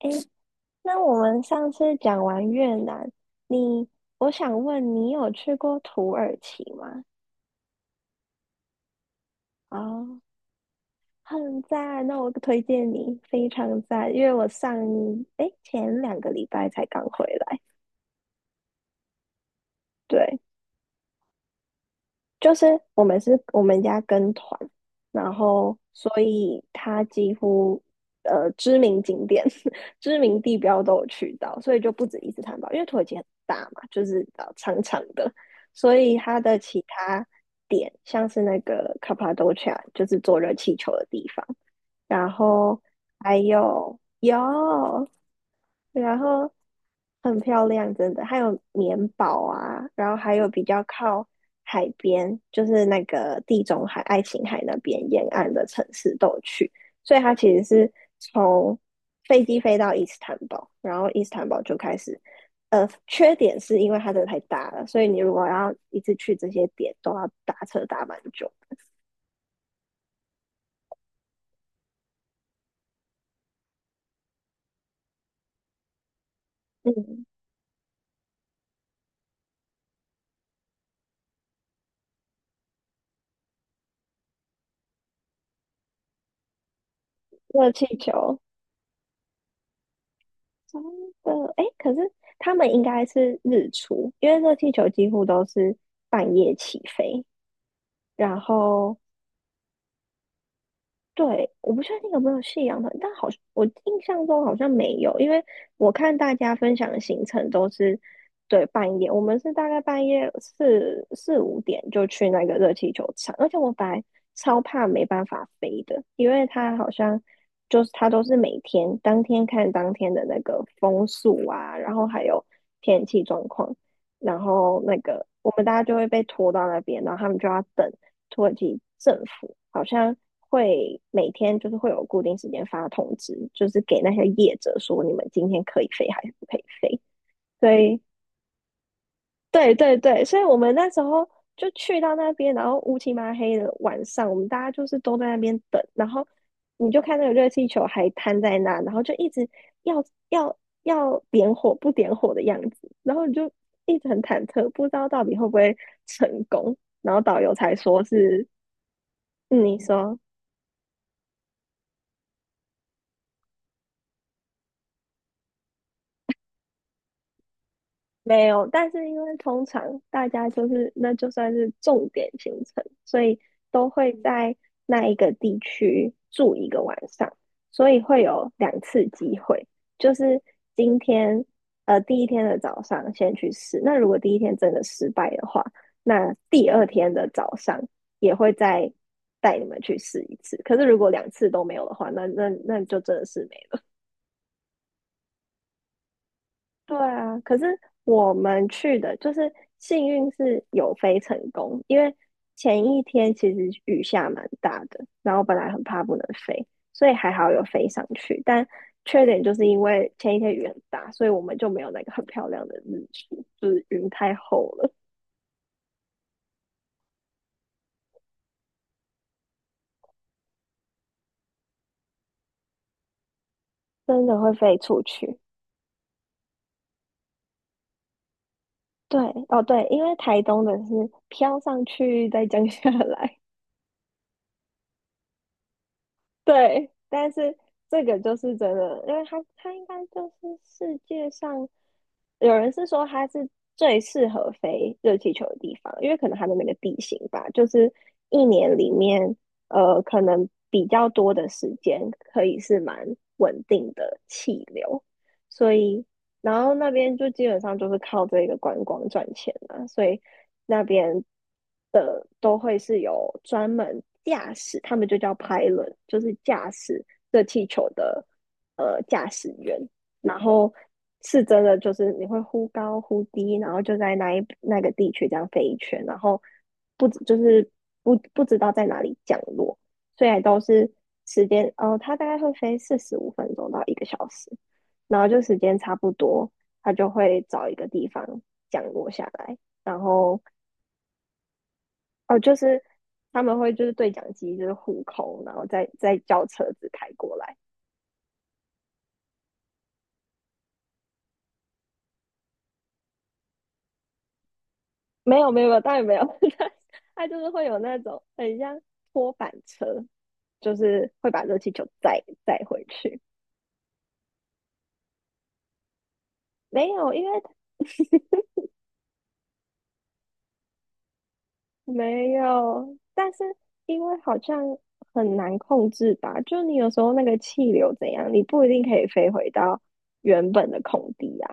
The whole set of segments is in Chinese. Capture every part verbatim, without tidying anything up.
诶，那我们上次讲完越南，你，我想问你有去过土耳其吗？哦，很赞，那我推荐你，非常赞，因为我上，诶，前两个礼拜才刚回来。对，就是我们是我们家跟团，然后所以他几乎呃知名景点、知名地标都有去到，所以就不止伊斯坦堡，因为土耳其很大嘛，就是呃长长的，所以它的其他点像是那个 c a p p a 就是坐热气球的地方，然后还有有，然后很漂亮，真的。还有棉堡啊，然后还有比较靠海边，就是那个地中海、爱琴海那边沿岸的城市都有去，所以它其实是从飞机飞到伊斯坦堡，然后伊斯坦堡就开始。呃，缺点是因为它真的太大了，所以你如果要一次去这些点，都要打车打蛮久的。嗯，热气球真的，哎，可是他们应该是日出，因为热气球几乎都是半夜起飞，然后对，我不确定有没有夕阳的，但好像我印象中好像没有，因为我看大家分享的行程都是对半夜，我们是大概半夜四四五点就去那个热气球场，而且我本来超怕没办法飞的，因为它好像就是它都是每天当天看当天的那个风速啊，然后还有天气状况，然后那个我们大家就会被拖到那边，然后他们就要等。土耳其政府好像会每天就是会有固定时间发通知，就是给那些业者说你们今天可以飞还是不可以飞。所以，对对对，所以我们那时候就去到那边，然后乌漆嘛黑的晚上，我们大家就是都在那边等，然后你就看那个热气球还摊在那，然后就一直要要要点火不点火的样子，然后你就一直很忐忑，不知道到底会不会成功。然后导游才说是，嗯、你说。没有，但是因为通常大家就是那就算是重点行程，所以都会在那一个地区住一个晚上，所以会有两次机会，就是今天呃第一天的早上先去试，那如果第一天真的失败的话，那第二天的早上也会再带你们去试一次。可是如果两次都没有的话，那那那就真的是没对啊，可是我们去的就是幸运是有飞成功，因为前一天其实雨下蛮大的，然后本来很怕不能飞，所以还好有飞上去。但缺点就是因为前一天雨很大，所以我们就没有那个很漂亮的日出，就是云太厚了，真的会飞出去。对，哦对，因为台东的是飘上去再降下来，对，但是这个就是真的，因为它它应该就是世界上有人是说它是最适合飞热气球的地方，因为可能它的那个地形吧，就是一年里面呃可能比较多的时间可以是蛮稳定的气流，所以然后那边就基本上就是靠这个观光赚钱了，所以那边都会是有专门驾驶，他们就叫 pilot，就是驾驶热气球的呃驾驶员。然后是真的，就是你会忽高忽低，然后就在那一那个地区这样飞一圈，然后不就是不不知道在哪里降落，虽然都是时间，哦，它大概会飞四十五分钟到一个小时，然后就时间差不多，它就会找一个地方降落下来，然后哦，就是他们会就是对讲机就是互扣，然后再再叫车子开过来。没有没有没有，当然没有，他他就是会有那种很像拖板车，就是会把热气球载载回去。没有，因为没有，但是因为好像很难控制吧，就你有时候那个气流怎样，你不一定可以飞回到原本的空地啊。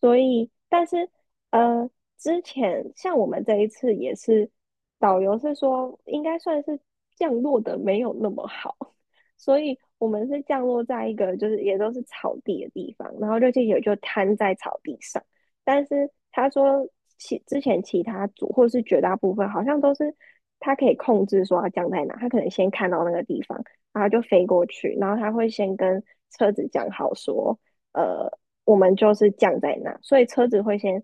所以，但是呃，之前像我们这一次也是，导游是说应该算是降落的没有那么好，所以我们是降落在一个就是也都是草地的地方，然后就也就瘫在草地上。但是他说其之前其他组或是绝大部分好像都是他可以控制说要降在哪，他可能先看到那个地方，然后就飞过去，然后他会先跟车子讲好说，呃，我们就是降在哪，所以车子会先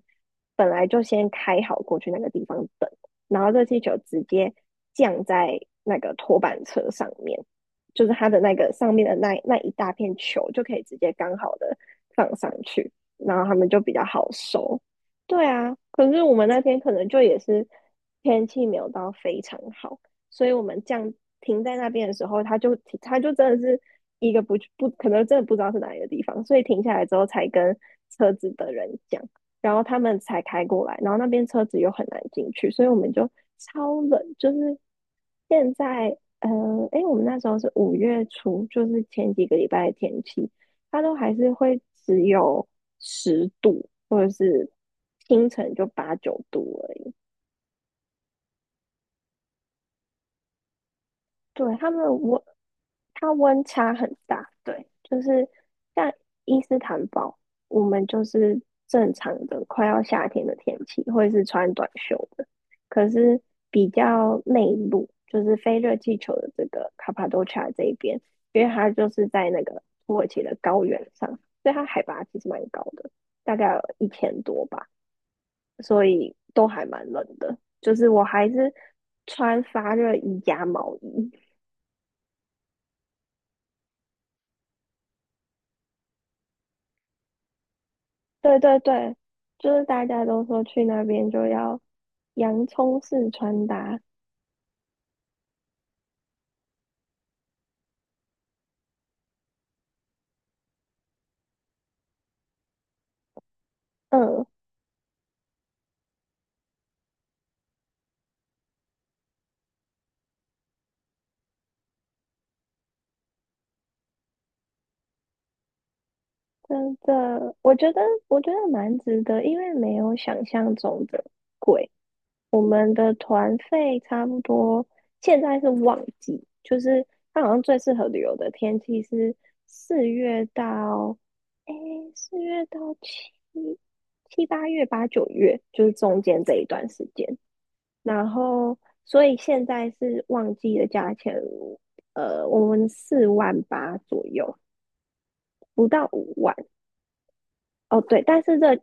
本来就先开好过去那个地方等，然后热气球直接降在那个拖板车上面，就是它的那个上面的那那一大片球就可以直接刚好的放上去。然后他们就比较好收。对啊，可是我们那天可能就也是天气没有到非常好，所以我们降停在那边的时候，他就他就真的是一个不不可能真的不知道是哪一个地方，所以停下来之后才跟车子的人讲，然后他们才开过来，然后那边车子又很难进去，所以我们就超冷，就是现在。呃，诶，我们那时候是五月初，就是前几个礼拜的天气，它都还是会只有十度，或者是清晨就八九度而已。对，他们温，它温差很大。对，就是像伊斯坦堡，我们就是正常的快要夏天的天气，或者是穿短袖的。可是比较内陆，就是非热气球的这个卡帕多奇亚这一边，因为它就是在那个土耳其的高原上，所以它海拔其实蛮高的，大概有一千多吧。所以都还蛮冷的。就是我还是穿发热衣加毛衣。对对对，就是大家都说去那边就要洋葱式穿搭。嗯，真的，我觉得我觉得蛮值得，因为没有想象中的贵。我们的团费差不多，现在是旺季，就是它好像最适合旅游的天气是四月到，诶，四月到七七八月八九月，就是中间这一段时间。然后，所以现在是旺季的价钱，呃，我们四万八左右，不到五万。哦，对，但是热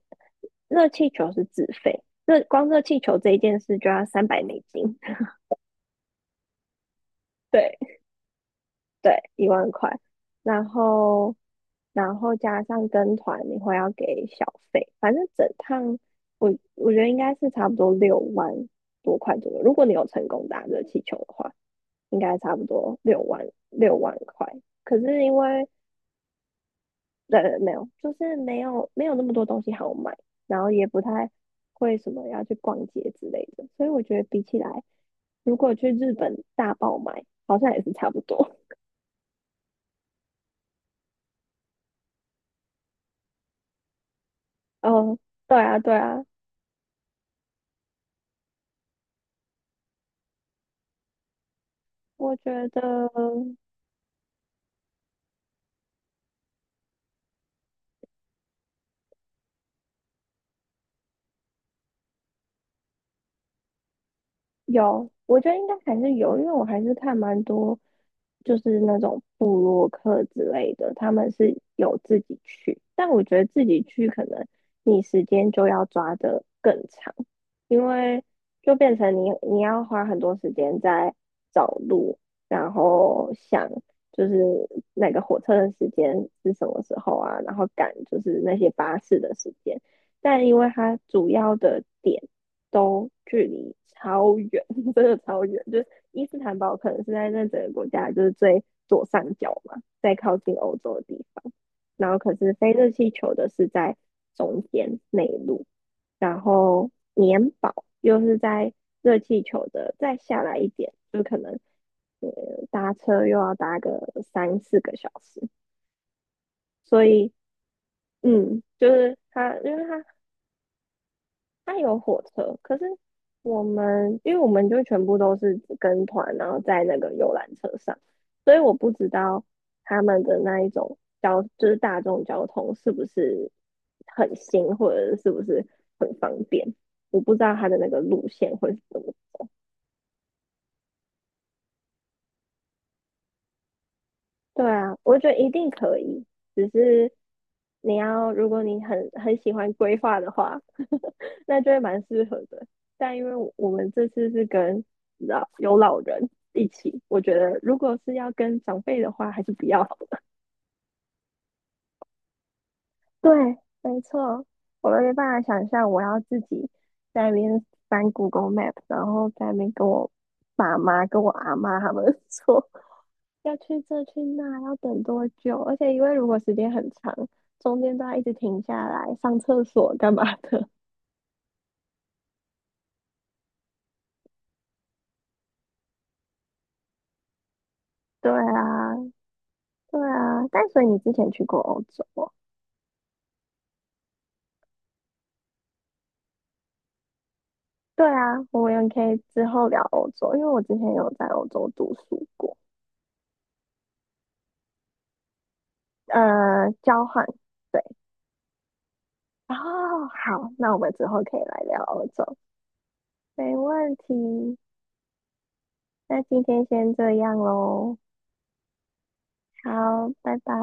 热气球是自费，热光热气球这一件事就要三百美金。对，对，一万块，然后然后加上跟团，你会要给小费，反正整趟我我觉得应该是差不多六万多块左右。如果你有成功打热气球的话，应该差不多六万六万块。可是因为对没有，就是没有没有那么多东西好买，然后也不太会什么要去逛街之类的，所以我觉得比起来，如果去日本大爆买，好像也是差不多。嗯，对啊，对啊。我觉得有，我觉得应该还是有，因为我还是看蛮多，就是那种部落客之类的，他们是有自己去，但我觉得自己去可能你时间就要抓得更长，因为就变成你你要花很多时间在找路，然后想就是那个火车的时间是什么时候啊，然后赶就是那些巴士的时间。但因为它主要的点都距离超远，真的超远。就是伊斯坦堡可能是在那整个国家就是最左上角嘛，在靠近欧洲的地方。然后可是飞热气球的是在中间内陆，然后棉堡又是在热气球的再下来一点，就可能搭车又要搭个三四个小时。所以，嗯，就是它，因为它它有火车，可是我们因为我们就全部都是跟团，然后在那个游览车上，所以我不知道他们的那一种交就是大众交通是不是很新，或者是不是很方便，我不知道他的那个路线会是怎么对啊，我觉得一定可以，只是你要，如果你很很喜欢规划的话，那就会蛮适合的。但因为我我们这次是跟老有老人一起，我觉得如果是要跟长辈的话，还是不要。对，没错，我没办法想象我要自己在那边翻 Google Map，然后在那边跟我爸妈、跟我阿妈他们 说要去这去那，要等多久？而且因为如果时间很长，中间都要一直停下来上厕所干嘛的。对啊，对啊。但所以你之前去过欧洲哦？对啊，我们也可以之后聊欧洲，因为我之前有在欧洲读书过，呃，交换。对，哦，好，那我们之后可以来聊欧洲，没问题。那今天先这样喽，好，拜拜。